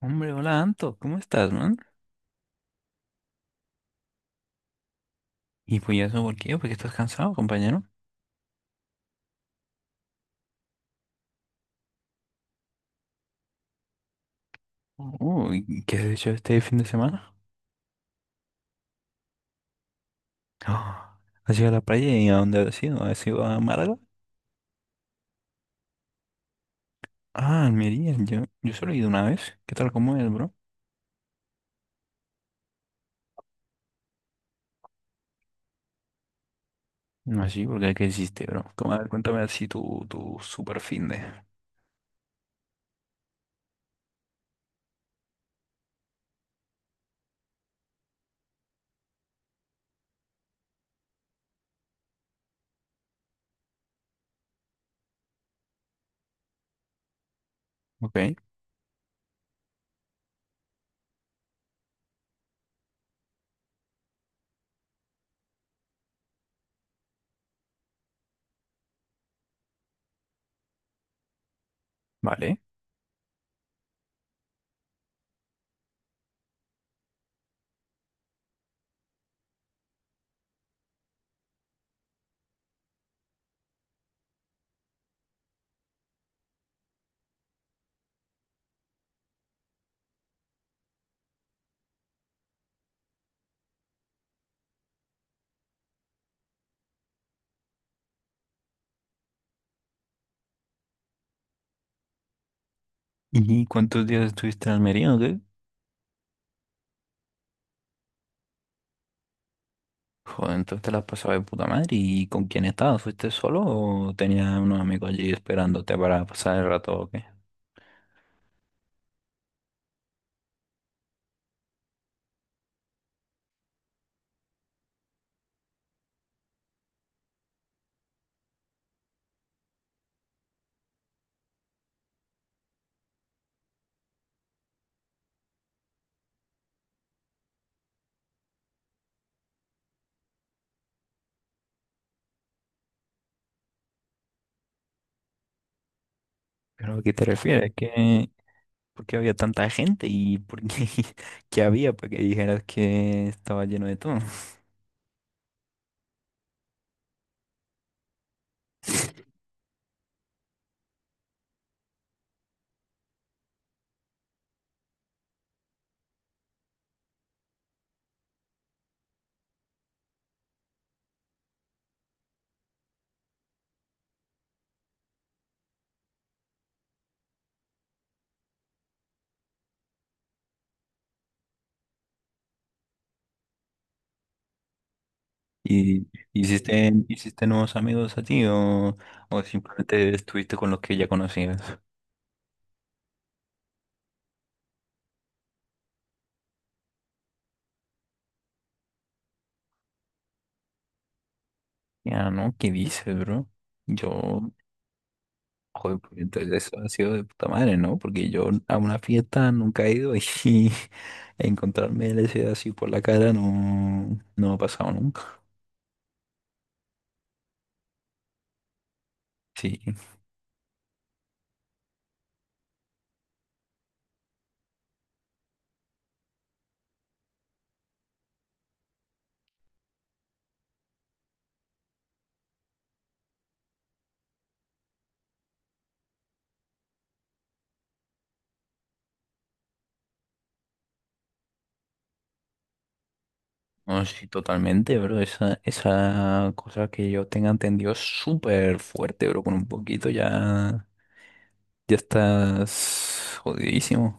Hombre, hola Anto, ¿cómo estás, man? ¿Y pues eso por qué? ¿Porque estás cansado, compañero? Uy, ¿qué has hecho este fin de semana? Ah, ¿has ido a la playa y a dónde has ido? ¿Has ido a Málaga? Ah, Almería, yo solo he ido una vez. ¿Qué tal, cómo es, bro? No, sí, porque ¿qué hiciste, bro? Como, a ver, cuéntame así tu super fin de... Ok, vale. ¿Y cuántos días estuviste en Almería o qué? Joder, entonces te la has pasado de puta madre. ¿Y con quién estabas? ¿Fuiste solo o tenías unos amigos allí esperándote para pasar el rato o qué? ¿Pero a qué te refieres? ¿Por qué había tanta gente qué había para que dijeras que estaba lleno de todo? ¿Y hiciste nuevos amigos a ti o simplemente estuviste con los que ya conocías? Ya, ¿no? ¿Qué dices, bro? Yo, joder, pues entonces eso ha sido de puta madre, ¿no? Porque yo a una fiesta nunca he ido y encontrarme LSD así por la cara no, no ha pasado nunca. Sí. No, sí, totalmente, bro. Esa cosa que yo tenga entendido es súper fuerte, bro. Con un poquito ya estás jodidísimo.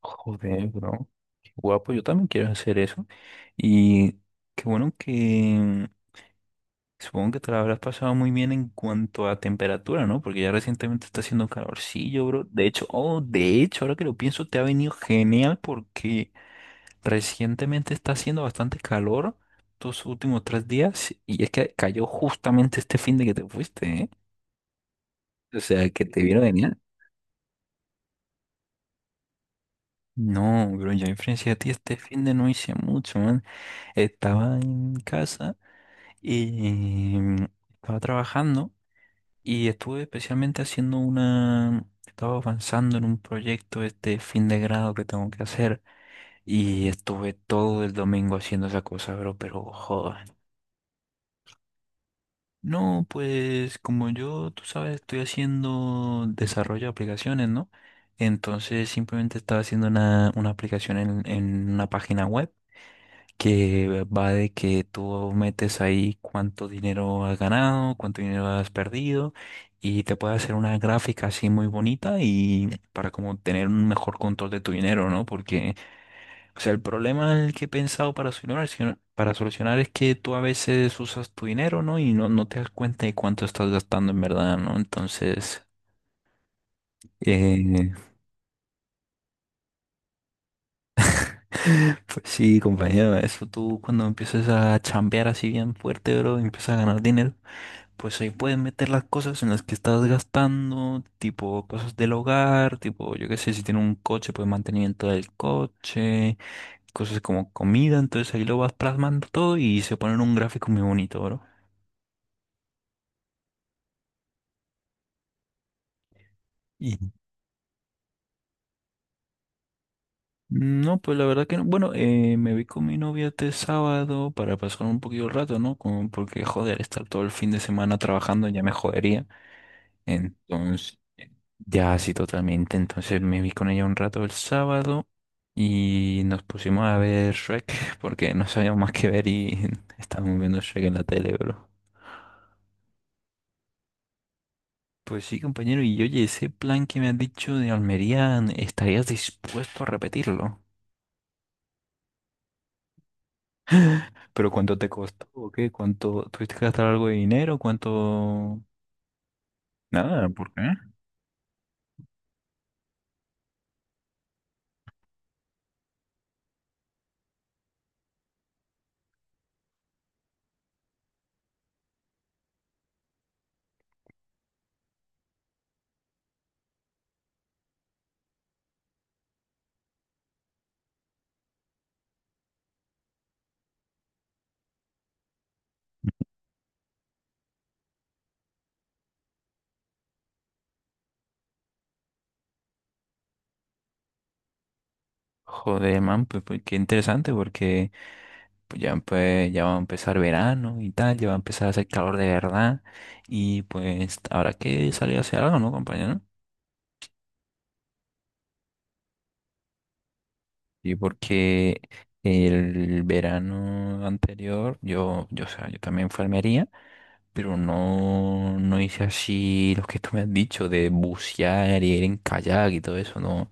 Joder, bro. Qué guapo, yo también quiero hacer eso. Y qué bueno que supongo que te la habrás pasado muy bien en cuanto a temperatura, ¿no? Porque ya recientemente está haciendo calorcillo, bro. De hecho, ahora que lo pienso, te ha venido genial porque recientemente está haciendo bastante calor estos últimos 3 días y es que cayó justamente este fin de que te fuiste, ¿eh? O sea, que te vieron venir. No, pero yo en frente a ti este fin de no hice mucho, man. Estaba en casa y estaba trabajando y estuve especialmente haciendo. Estaba avanzando en un proyecto este fin de grado que tengo que hacer y estuve todo el domingo haciendo esa cosa, bro, pero joder. No, pues como yo, tú sabes, estoy haciendo desarrollo de aplicaciones, ¿no? Entonces simplemente estaba haciendo una aplicación en una página web que va de que tú metes ahí cuánto dinero has ganado, cuánto dinero has perdido y te puede hacer una gráfica así muy bonita y para como tener un mejor control de tu dinero, ¿no? Porque o sea, el problema en el que he pensado para solucionar, para solucionar es que tú a veces usas tu dinero, ¿no? Y no, no te das cuenta de cuánto estás gastando en verdad, ¿no? Entonces, eh, pues sí, compañero, eso tú cuando empiezas a chambear así bien fuerte, bro, y empiezas a ganar dinero, pues ahí puedes meter las cosas en las que estás gastando, tipo cosas del hogar, tipo, yo qué sé, si tienes un coche, pues mantenimiento del coche, cosas como comida, entonces ahí lo vas plasmando todo y se pone en un gráfico muy bonito, bro. Y no, pues la verdad que no. Bueno, me vi con mi novia este sábado para pasar un poquito el rato, ¿no? Como porque, joder, estar todo el fin de semana trabajando ya me jodería. Entonces, ya sí, totalmente. Entonces me vi con ella un rato el sábado y nos pusimos a ver Shrek porque no sabíamos más que ver y estábamos viendo Shrek en la tele, bro. Pues sí, compañero, y oye, ese plan que me has dicho de Almería, ¿estarías dispuesto a repetirlo? ¿Pero cuánto te costó o qué? ¿Cuánto tuviste que gastar algo de dinero? ¿Cuánto? Nada, ¿por qué? Joder, man, qué interesante porque pues, ya va a empezar verano y tal, ya va a empezar a hacer calor de verdad y pues habrá que salir a hacer algo, ¿no, compañero? No. Y porque el verano anterior o sea, yo también fui a Almería, pero no, no hice así lo que tú me has dicho de bucear y ir en kayak y todo eso, no.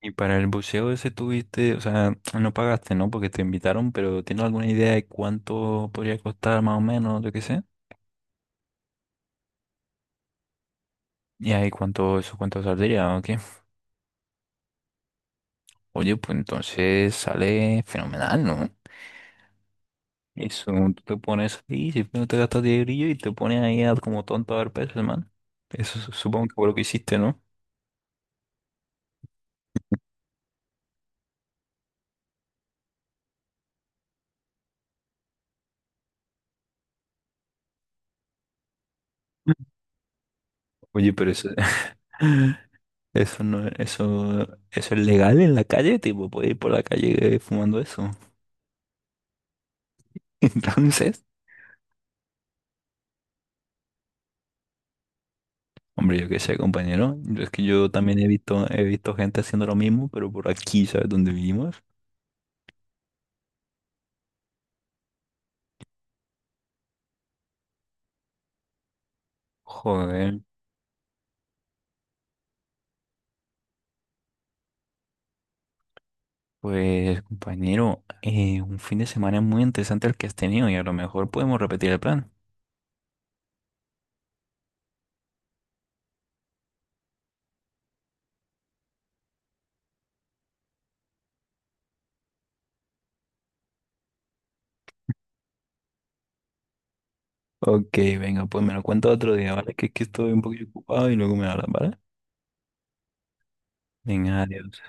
Y para el buceo ese tuviste, o sea, no pagaste, ¿no? Porque te invitaron, pero ¿tienes alguna idea de cuánto podría costar más o menos, yo qué sé? Y ahí cuánto, eso cuánto saldría, ¿o qué? Oye, pues entonces sale fenomenal, ¿no? Eso, tú te pones ahí, si no te gastas 10 brillos y te pones ahí como tonto a ver peces, man. Eso supongo que fue lo que hiciste, ¿no? Oye, pero eso, eso no, eso es legal en la calle, tipo, puedes ir por la calle fumando eso. Entonces. Hombre, yo qué sé, compañero. Es que yo también he visto gente haciendo lo mismo, pero por aquí, ¿sabes dónde vivimos? Joder, pues, compañero, un fin de semana muy interesante el que has tenido y a lo mejor podemos repetir el plan. Ok, venga, pues me lo cuento otro día, ¿vale? Que es que estoy un poquito ocupado y luego me hablan, ¿vale? Venga, adiós.